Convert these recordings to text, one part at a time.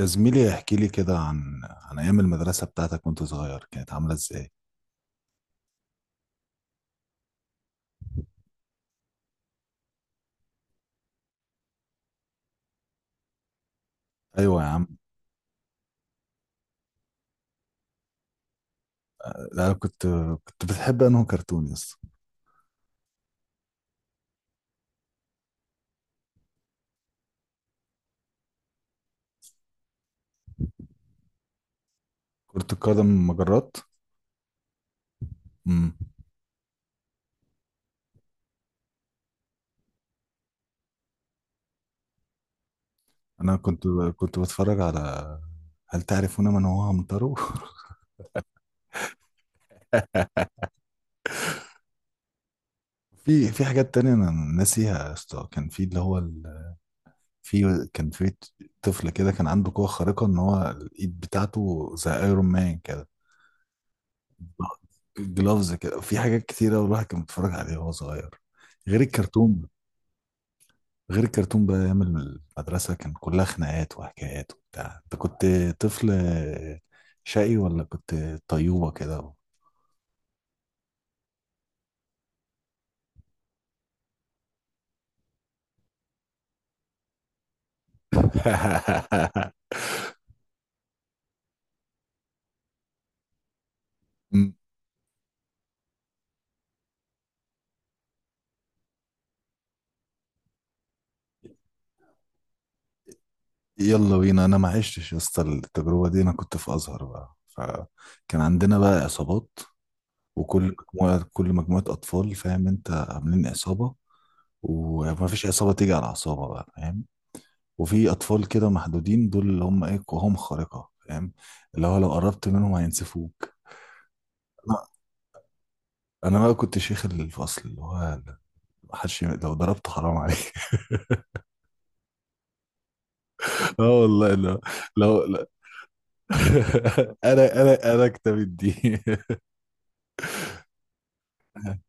يا زميلي، احكي لي كده عن ايام المدرسه بتاعتك وانت صغير، كانت عامله ازاي؟ ايوه يا عم. لا، كنت بتحب انه كرتون يا اسطى؟ كرة القدم مجرات. امم. انا كنت بتفرج على هل تعرفون من هو عمترو. في حاجات تانية انا ناسيها يا اسطى، كان في اللي هو ال... في كان في طفل كده كان عنده قوه خارقه ان هو الايد بتاعته زي ايرون مان كده، جلوفز كده. في حاجات كتيرة والواحد كان بيتفرج عليها وهو صغير، غير الكرتون. غير الكرتون بقى، ايام المدرسه كان كلها خناقات وحكايات وبتاع. انت كنت طفل شقي ولا كنت طيوبه كده؟ م. يلا بينا، انا ما عشتش يا اسطى التجربه دي. انا كنت في ازهر بقى، فكان عندنا بقى عصابات، وكل مجموعه اطفال فاهم انت، عاملين عصابه. وما فيش عصابه تيجي على عصابه بقى فاهم. وفي اطفال كده محدودين، دول اللي هم ايه، قواهم خارقه فاهم، اللي هو لو قربت منهم هينسفوك. انا بقى كنت شيخ الفصل، اللي هو لو ضربته حرام عليك. اه والله، لو لا. انا كتاب الدين.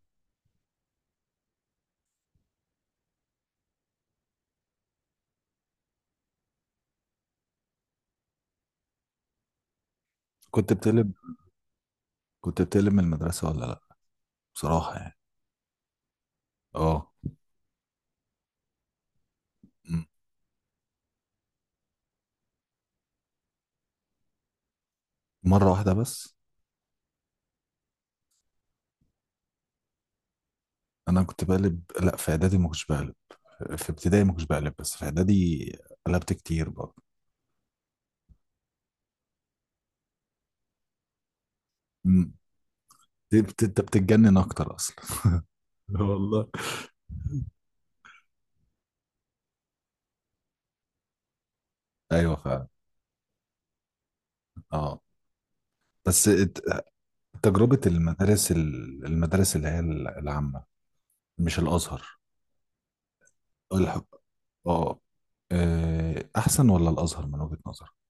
كنت بتقلب كنت بتقلب من المدرسة ولا لا، بصراحة يعني؟ اه. م. مرة واحدة بس. انا كنت بقلب، لا في اعدادي ما كنتش بقلب، في ابتدائي ما كنتش بقلب، بس في اعدادي قلبت كتير برضه. م. انت بتتجنن اكتر اصلا. والله ايوه فعلا. اه، بس تجربة المدارس المدارس اللي هي العامة، مش الأزهر. الح... اه آه، أحسن ولا الأزهر من وجهة نظرك؟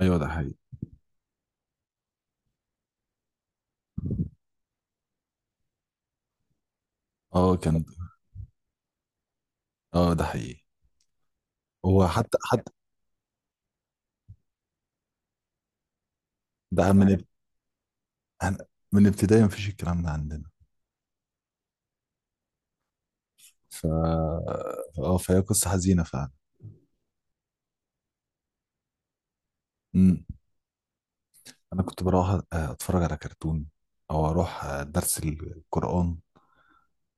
أيوه، ده حقيقي. اه كان. اه، ده حقيقي. هو حتى، ده من اب- هن- من ابتدائي مفيش الكلام ده عندنا. ف اه فهي قصة حزينة فعلا. امم. أنا كنت بروح، أتفرج على كرتون، أو أروح درس القرآن.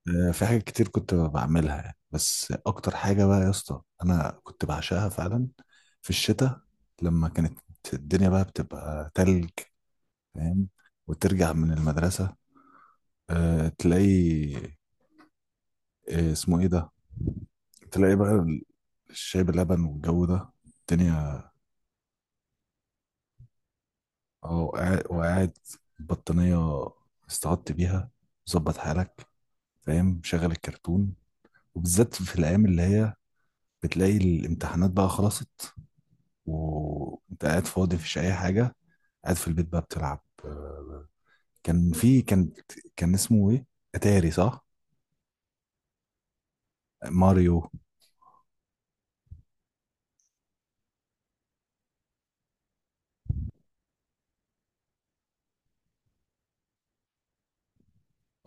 في حاجات كتير كنت بعملها يعني، بس اكتر حاجه بقى يا اسطى انا كنت بعشقها فعلا. في الشتاء، لما كانت الدنيا بقى بتبقى تلج فاهم، وترجع من المدرسه، تلاقي، اسمه ايه ده، تلاقي بقى الشاي بلبن والجو ده الدنيا. اه، وقاعد وقاعد، البطانية استعدت بيها، ظبط حالك فاهم، شغل الكرتون. وبالذات في الأيام اللي هي بتلاقي الامتحانات بقى خلصت، وانت قاعد فاضي مفيش اي حاجه. قاعد في البيت بقى بتلعب. آه، كان في كان كان اسمه ايه، اتاري صح، ماريو.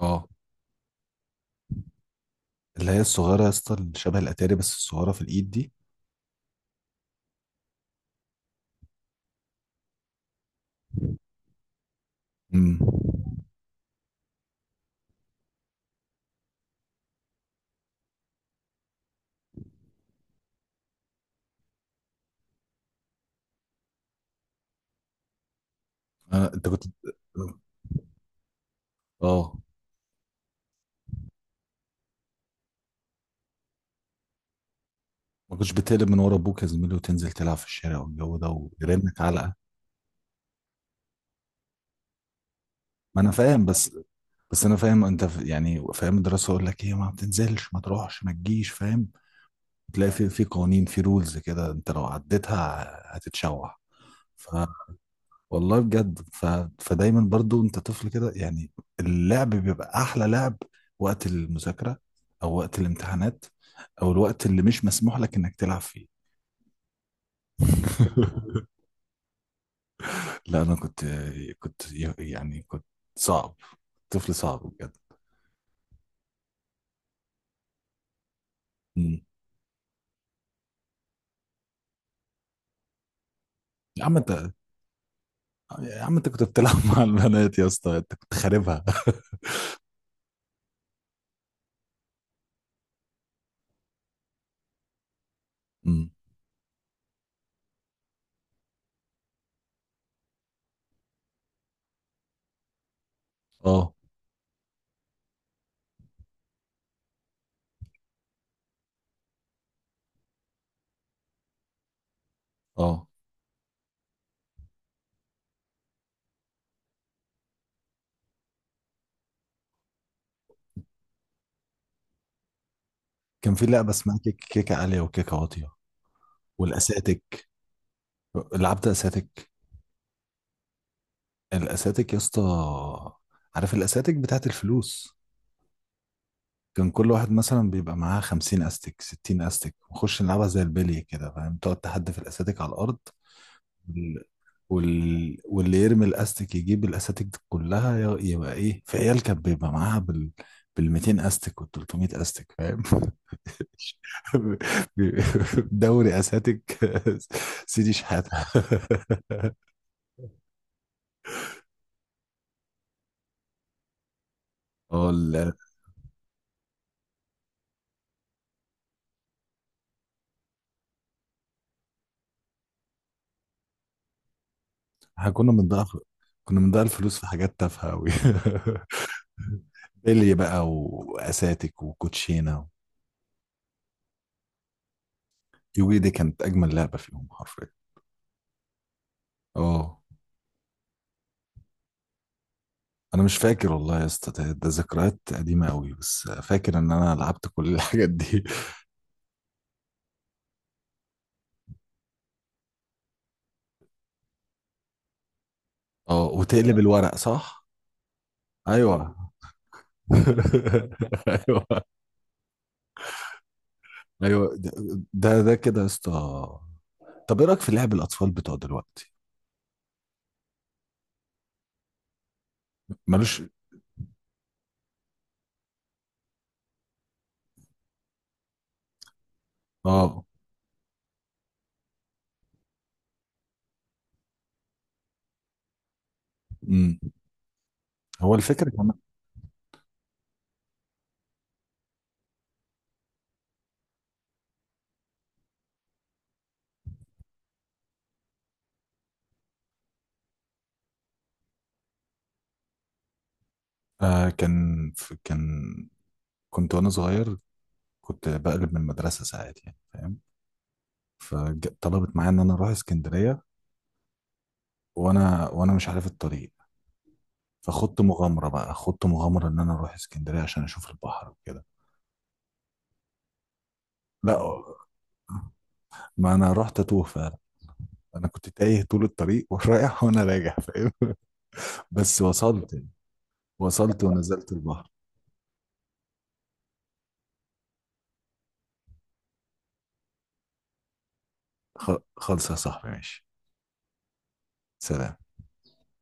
اه، اللي هي الصغيره يا اسطى، اللي شبه الاتاري بس الصغيره في الايد دي. امم. آه انت كنت اه ما كنتش بتقلب من ورا ابوك يا زميلي، وتنزل تلعب في الشارع والجو ده، ويرنك علقه. ما انا فاهم، بس انا فاهم، انت يعني فاهم الدراسه، اقول لك ايه، ما بتنزلش ما تروحش ما تجيش فاهم. تلاقي في قوانين، في رولز كده، انت لو عديتها هتتشوح. ف والله بجد. فدايما برضو انت طفل كده يعني، اللعب بيبقى احلى لعب وقت المذاكرة، او وقت الامتحانات، او الوقت اللي مش مسموح لك انك تلعب فيه. لا انا كنت كنت صعب، طفل صعب بجد. مم. يا عم انت يا عم انت كنت بتلعب مع البنات يا اسطى، انت كنت خاربها. مم. اه، اه. كان في لعبه اسمها كيكه عاليه وكيكه واطيه. والاساتك، لعبت اساتك. الاساتك يا اسطى، عارف الاساتك بتاعت الفلوس؟ كان كل واحد مثلا بيبقى معاه 50 استك، 60 استك، ونخش نلعبها زي البلي كده فاهم، تقعد تحدف الاساتك على الارض. وال... واللي يرمي الاستك يجيب الاساتك دي كلها، يبقى ايه، في عيال كانت بيبقى معاها بال 200 استك وال 300 استك فاهم. دوري اساتك. سيدي شحاته. اه، احنا كنا بنضيع الفلوس في حاجات تافهة أوي. بيلي بقى وأساتك وكوتشينة. يوجي دي كانت أجمل لعبة فيهم حرفيا. اه، أنا مش فاكر والله يا اسطى، ده ذكريات قديمة أوي، بس فاكر إن أنا لعبت كل الحاجات دي. اه، وتقلب الورق صح؟ أيوه. أيوه، أيوه. ده كده يا اسطى. طب، إيه رأيك في لعب الأطفال بتوع دلوقتي؟ ملوش. اه. امم. هو الفكرة. آه، كان كان كنت وانا صغير، كنت بقلب من المدرسه ساعات يعني فاهم. فطلبت معايا ان انا اروح اسكندريه. وانا مش عارف الطريق. فخدت مغامره بقى، خدت مغامره ان انا اروح اسكندريه عشان اشوف البحر وكده. لا، ما انا رحت اتوه فعلا. انا كنت تايه طول الطريق، ورايح وانا راجع فاهم. بس وصلت ونزلت البحر. خلص يا صاحبي، ماشي. سلام.